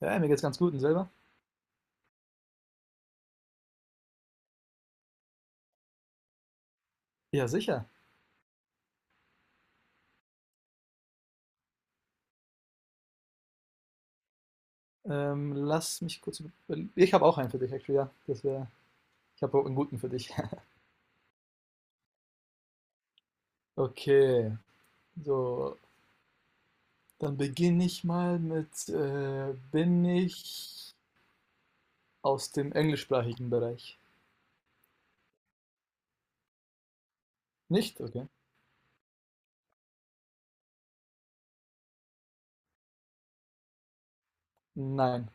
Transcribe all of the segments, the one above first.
Ja, mir geht's ganz gut und selber? Ja, sicher. Lass mich kurz überlegen. Ich habe auch einen für dich, actually, ja. Ich habe auch einen guten für dich. Okay, so, dann beginne ich mal mit, bin ich aus dem englischsprachigen Bereich? Nicht? Okay. Nein.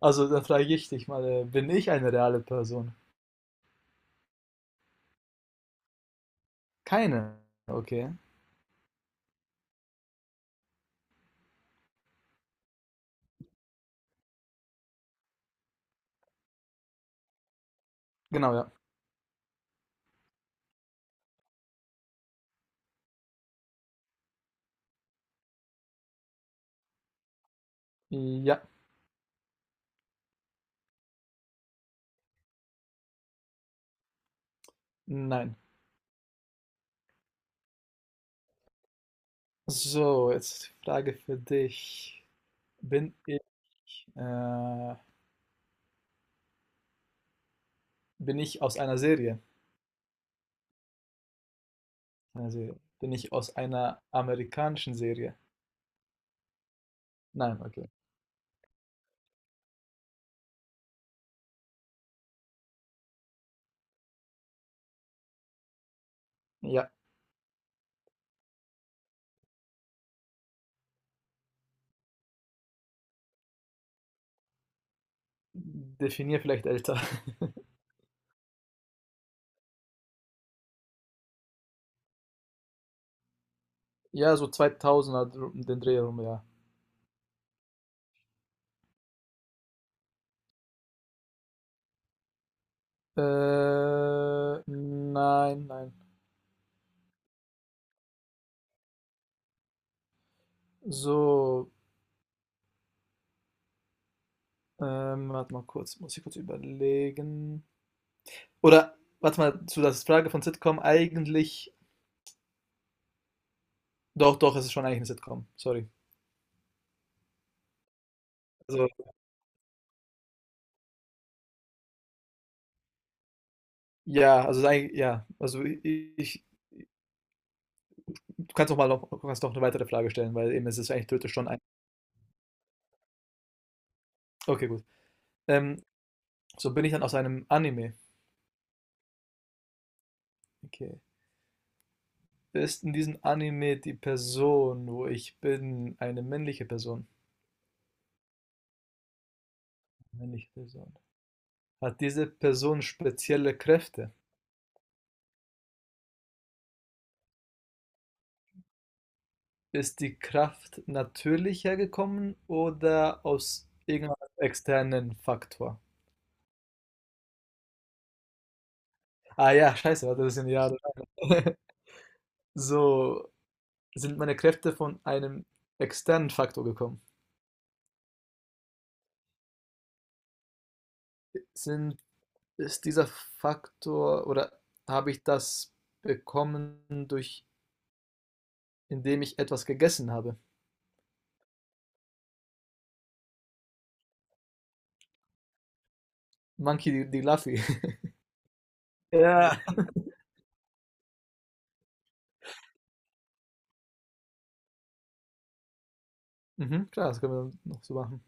Also, dann frage ich dich mal, bin ich eine reale Person? Keine. Okay. Genau, ja. Ja. Nein. So, jetzt Frage für dich. Bin ich, äh, Bin ich aus einer Serie? Einer Bin ich aus einer amerikanischen Serie? Nein, okay. Ja, definier vielleicht älter. Ja, so 2000er, um den Dreh rum, ja. Nein, nein. So, warte mal kurz, muss ich kurz überlegen. Oder, warte mal, zu der Frage von Sitcom, eigentlich, doch, doch, es ist schon eigentlich eine Sitcom, sorry. Also, ja, also, es ist ja, also, ich du kannst noch eine weitere Frage stellen, weil eben es ist eigentlich theoretisch schon ein, okay, gut. Ähm, so bin ich dann aus einem Anime. Okay. Ist in diesem Anime die Person, wo ich bin, eine männliche Person? Männliche Person. Hat diese Person spezielle Kräfte? Ist die Kraft natürlich hergekommen oder aus irgendeinem externen Faktor? Ah ja, scheiße, warte, das sind ja. So, sind meine Kräfte von einem externen Faktor gekommen? Sind, Ist dieser Faktor oder habe ich das bekommen durch indem ich etwas gegessen habe. Monkey D. Luffy. Ja. Mhm, klar, das können wir noch so machen.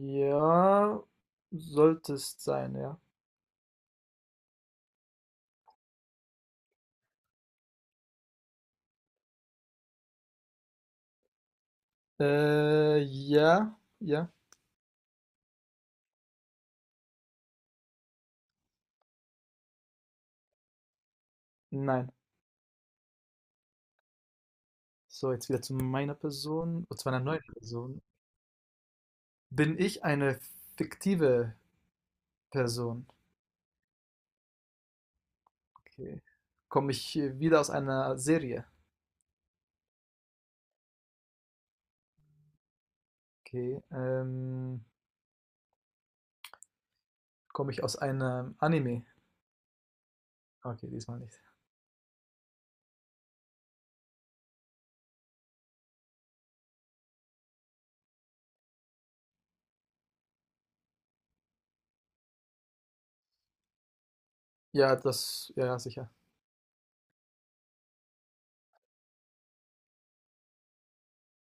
Ja, sollte es sein, ja. Ja, ja, nein. So, jetzt wieder zu meiner Person, oder zu meiner neuen Person. Bin ich eine fiktive Person? Okay. Komme ich wieder aus einer Serie? Okay. Komme ich aus einem Anime? Okay, diesmal nicht. Ja, das, ja, ja, sicher.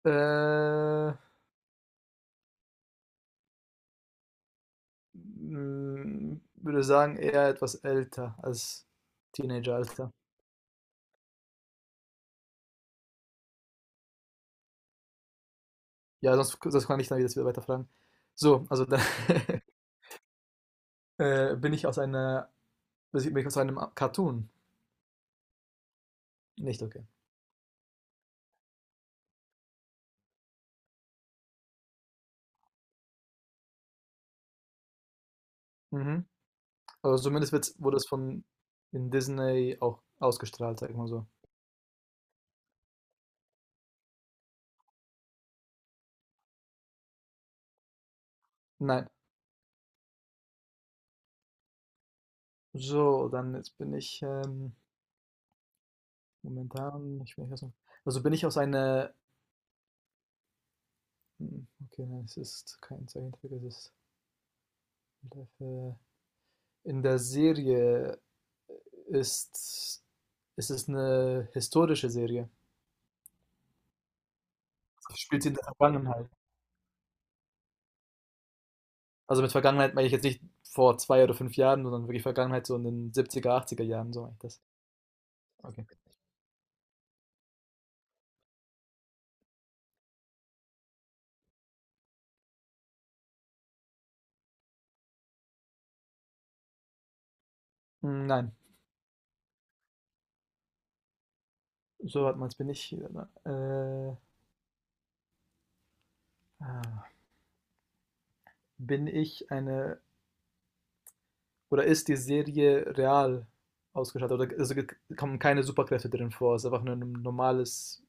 Äh, Würde sagen, eher etwas älter als Teenageralter. Ja, sonst kann ich dann wieder weiterfragen. So, also dann äh, bin ich aus einer, bin ich aus einem Cartoon. Nicht? Okay. Mhm. Also zumindest wurde es von in Disney auch ausgestrahlt, sag ich mal so. Nein. So, dann jetzt bin ich momentan, ich bin ich also bin ich aus einer, hm, okay, nein, es ist kein Zeichentrick, es ist Live. In der Serie äh, ist ist es eine historische Serie. Also, spielt sie in der Vergangenheit. Also, mit Vergangenheit meine ich jetzt nicht vor 2 oder 5 Jahren, sondern wirklich Vergangenheit so in den 70er, 80er Jahren, so meine ich das. Okay. Hm, nein, so hat man es. Ah, bin ich eine oder ist die Serie real ausgestattet oder also, g kommen keine Superkräfte drin vor. Es ist einfach nur 'n normales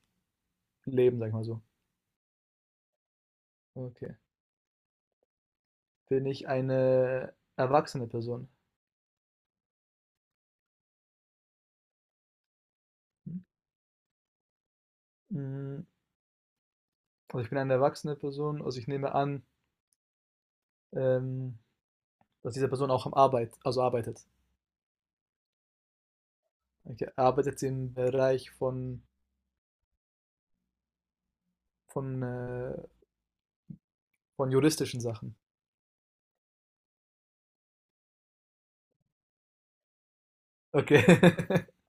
Leben, sag ich mal so. Okay. Bin ich eine erwachsene Person? Hm, also, ich bin eine erwachsene Person, also, ich nehme an, ähm, dass diese Person auch arbeitet. Okay, arbeitet sie im Bereich von, äh von juristischen Sachen? Okay.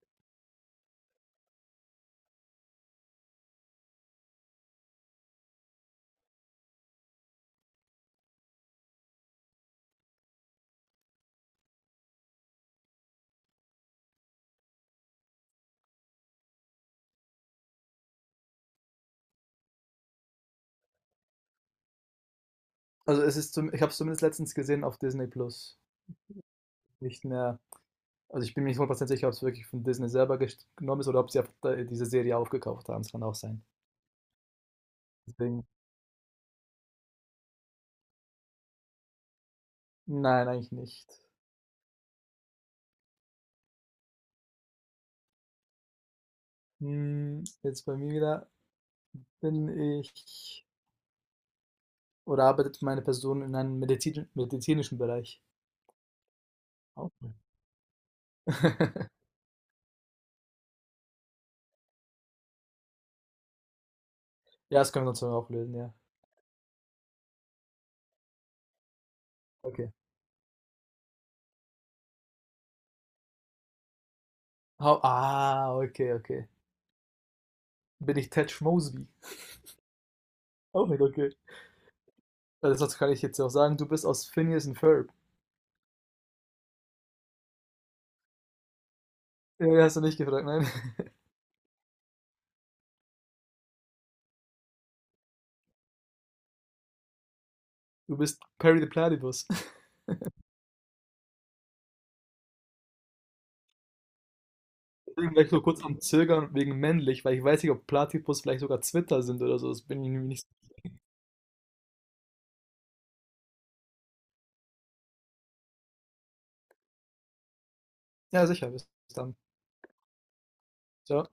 Also, es ist zum ich habe es zumindest letztens gesehen auf Disney Plus. Nicht mehr, also, ich bin mir nicht 100 sicher, ob es wirklich von Disney selber gest genommen ist oder ob sie einfach da diese Serie aufgekauft haben. Das kann auch sein. Deswegen nein, eigentlich nicht. Jetzt bei mir wieder, bin ich oder arbeitet meine Person in einem medizinischen Bereich? Auch cool. Ja, das können wir uns dann auch lösen, ja. Okay. Hau Ah, okay, okay. Bin ich Ted Mosby? Auch nicht, okay. Also sonst kann ich jetzt ja auch sagen, du bist aus Phineas und Ferb. Ja, ja, hast du nicht gefragt, nein. Du bist Perry the Platypus. Deswegen war ich so kurz am Zögern wegen männlich, weil ich weiß nicht, ob Platypus vielleicht sogar Zwitter sind oder so. Das bin ich nämlich nicht. Ja, sicher, bis dann. Ciao.